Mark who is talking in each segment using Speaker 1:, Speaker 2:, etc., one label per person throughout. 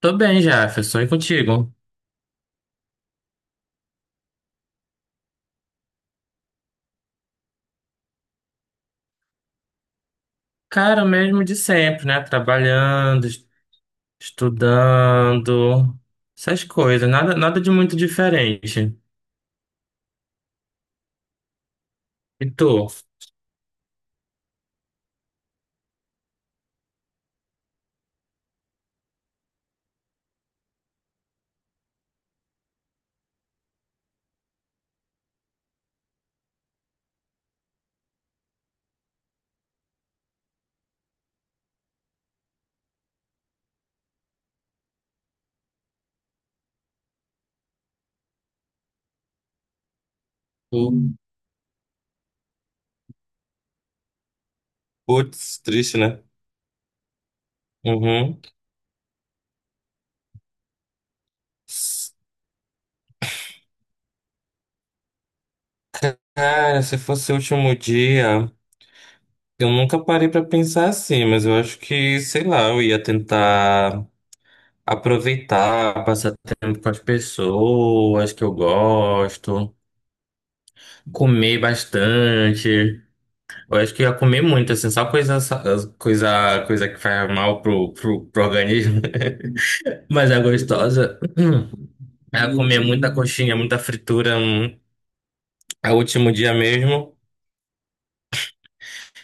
Speaker 1: Tô bem, Jefferson, e contigo? Cara, o mesmo de sempre, né? Trabalhando, estudando, essas coisas, nada de muito diferente. E tu? Hum. Putz, triste, né? Uhum. S- Cara, se fosse o último dia, eu nunca parei pra pensar assim, mas eu acho que, sei lá, eu ia tentar aproveitar, passar tempo com as pessoas que eu gosto, comer bastante. Eu acho que eu ia comer muito, assim, só coisa, coisa que faz mal pro organismo. Mas é gostosa. Eu ia comer muita coxinha, muita fritura, é o último dia mesmo.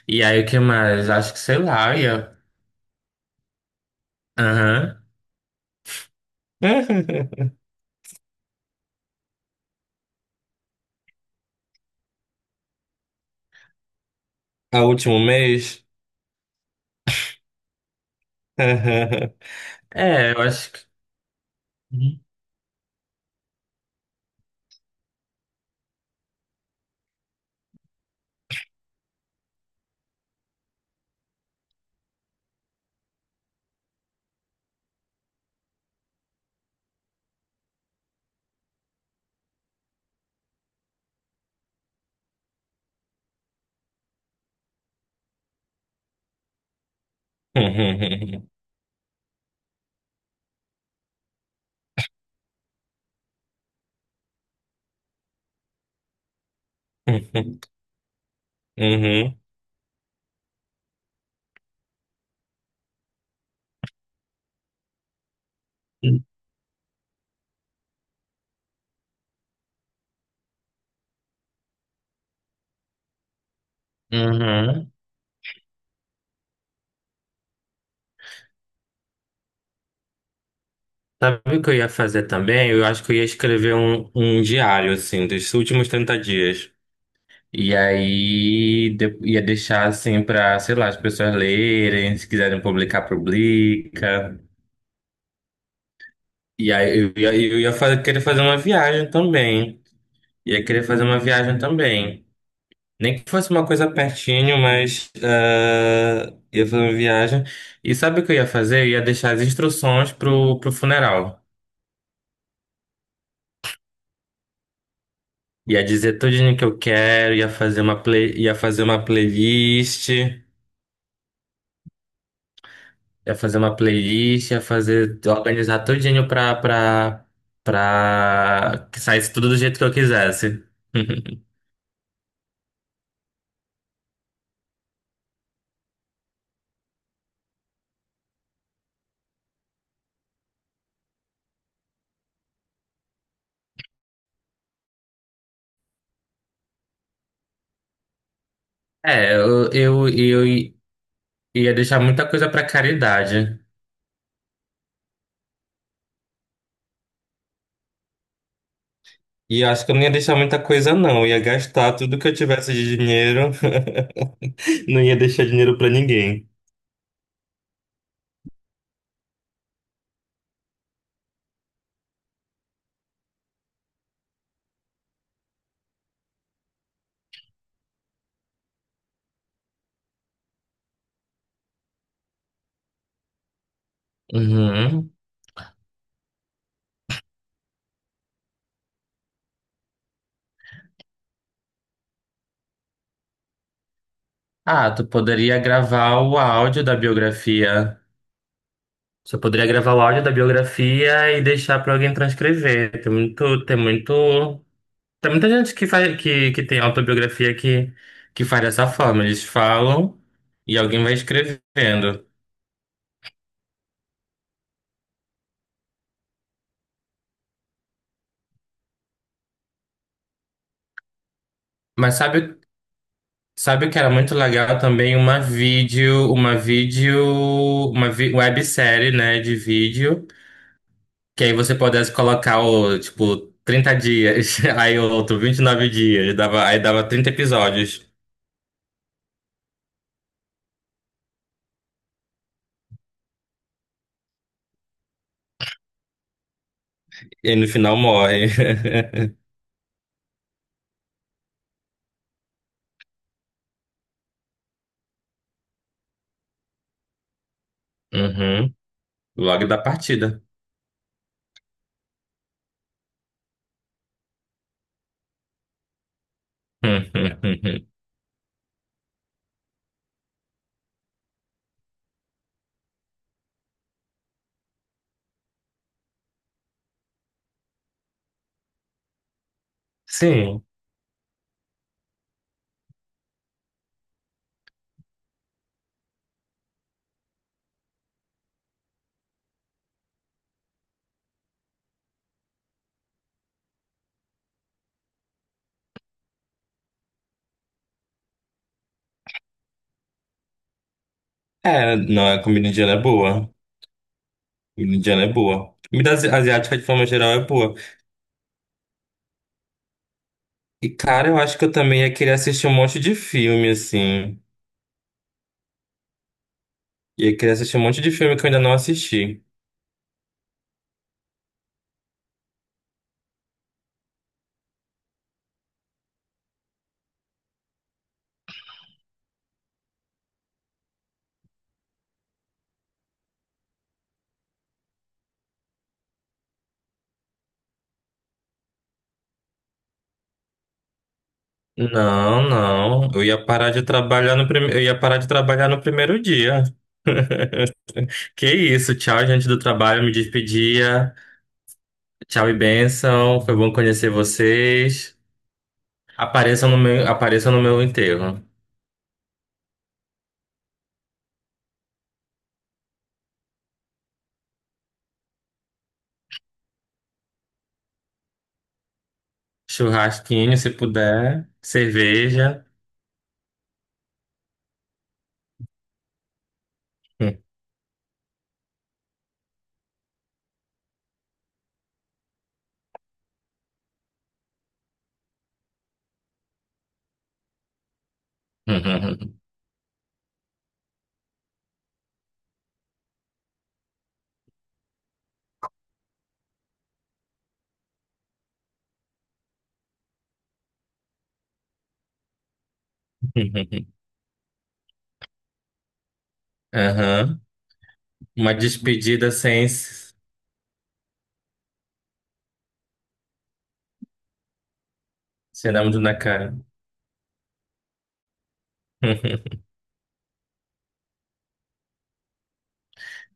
Speaker 1: E aí, o que mais? Acho que, sei lá, eu ia... Aham. É o último mês? É, eu acho que... Uhum. Uhum. Uhum. Sabe o que eu ia fazer também? Eu acho que eu ia escrever um diário, assim, dos últimos 30 dias. E aí ia deixar assim para, sei lá, as pessoas lerem, se quiserem publicar, publica. E aí eu ia querer fazer uma viagem também. Ia querer fazer uma viagem também. Nem que fosse uma coisa pertinho, mas ah, ia fazer uma viagem. E sabe o que eu ia fazer? Eu ia deixar as instruções pro funeral. Ia dizer tudinho que eu quero, ia fazer uma playlist. Ia fazer uma playlist, ia fazer, organizar tudinho pra que saísse tudo do jeito que eu quisesse. É, eu ia deixar muita coisa pra caridade. E eu acho que eu não ia deixar muita coisa, não. Eu ia gastar tudo que eu tivesse de dinheiro. Não ia deixar dinheiro pra ninguém. Uhum. Ah, tu poderia gravar o áudio da biografia. Você poderia gravar o áudio da biografia e deixar pra alguém transcrever. Tem muito. Tem muita gente que faz, que tem autobiografia que faz dessa forma. Eles falam e alguém vai escrevendo. Mas sabe, sabe o que era muito legal também? Uma vídeo, uma vídeo, uma vi- Websérie, né, de vídeo, que aí você pudesse colocar o, tipo, 30 dias, aí o outro 29 dias, dava, aí dava 30 episódios. E aí no final morre. Uhum. Logo da partida. Sim. É, não, a comida indiana é boa. Indiana é boa. Comida asiática, de forma geral, é boa. E, cara, eu acho que eu também ia querer assistir um monte de filme, assim. Ia querer assistir um monte de filme que eu ainda não assisti. Não, não. Eu ia parar de trabalhar no primeiro dia. Que isso, tchau, gente do trabalho, me despedia. Tchau e bênção. Foi bom conhecer vocês. Apareçam no meu enterro. Churrasquinho, se puder. Cerveja. Aham. Uma despedida sem s- sinônimo na cara.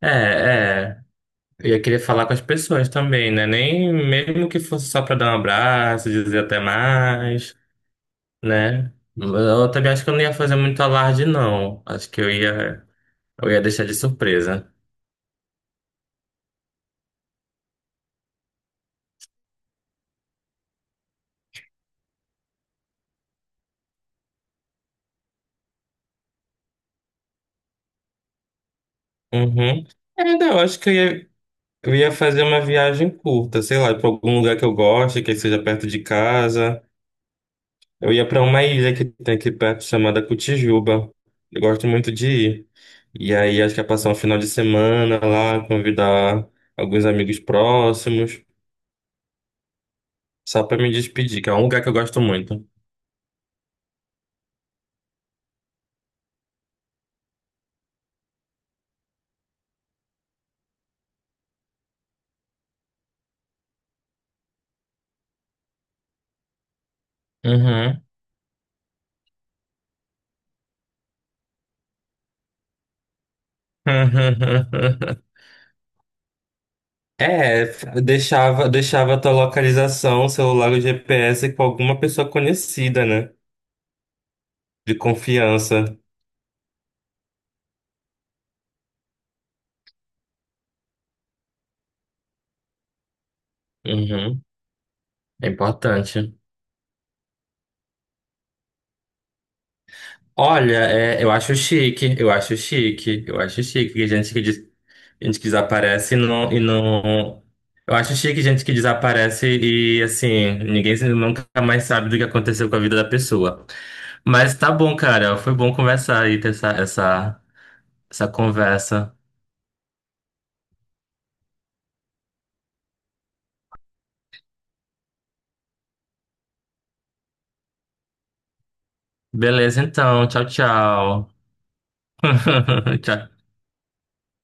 Speaker 1: É, é. E eu queria falar com as pessoas também, né? Nem mesmo que fosse só pra dar um abraço, dizer até mais, né? Eu também acho que eu não ia fazer muito alarde, não. Acho que eu ia deixar de surpresa. Uhum. É, não, eu acho que eu ia fazer uma viagem curta, sei lá, pra algum lugar que eu goste, que seja perto de casa. Eu ia para uma ilha que tem aqui perto chamada Cotijuba. Eu gosto muito de ir. E aí acho que ia passar um final de semana lá, convidar alguns amigos próximos, só para me despedir, que é um lugar que eu gosto muito. Uhum. É, deixava a tua localização, celular ou GPS com alguma pessoa conhecida, né? De confiança. Uhum. É importante. Olha, é, eu acho chique que gente que, gente que desaparece e não. Eu acho chique gente que desaparece e, assim, ninguém se- nunca mais sabe do que aconteceu com a vida da pessoa. Mas tá bom, cara, foi bom conversar e ter essa conversa. Beleza, então, tchau. Tchau.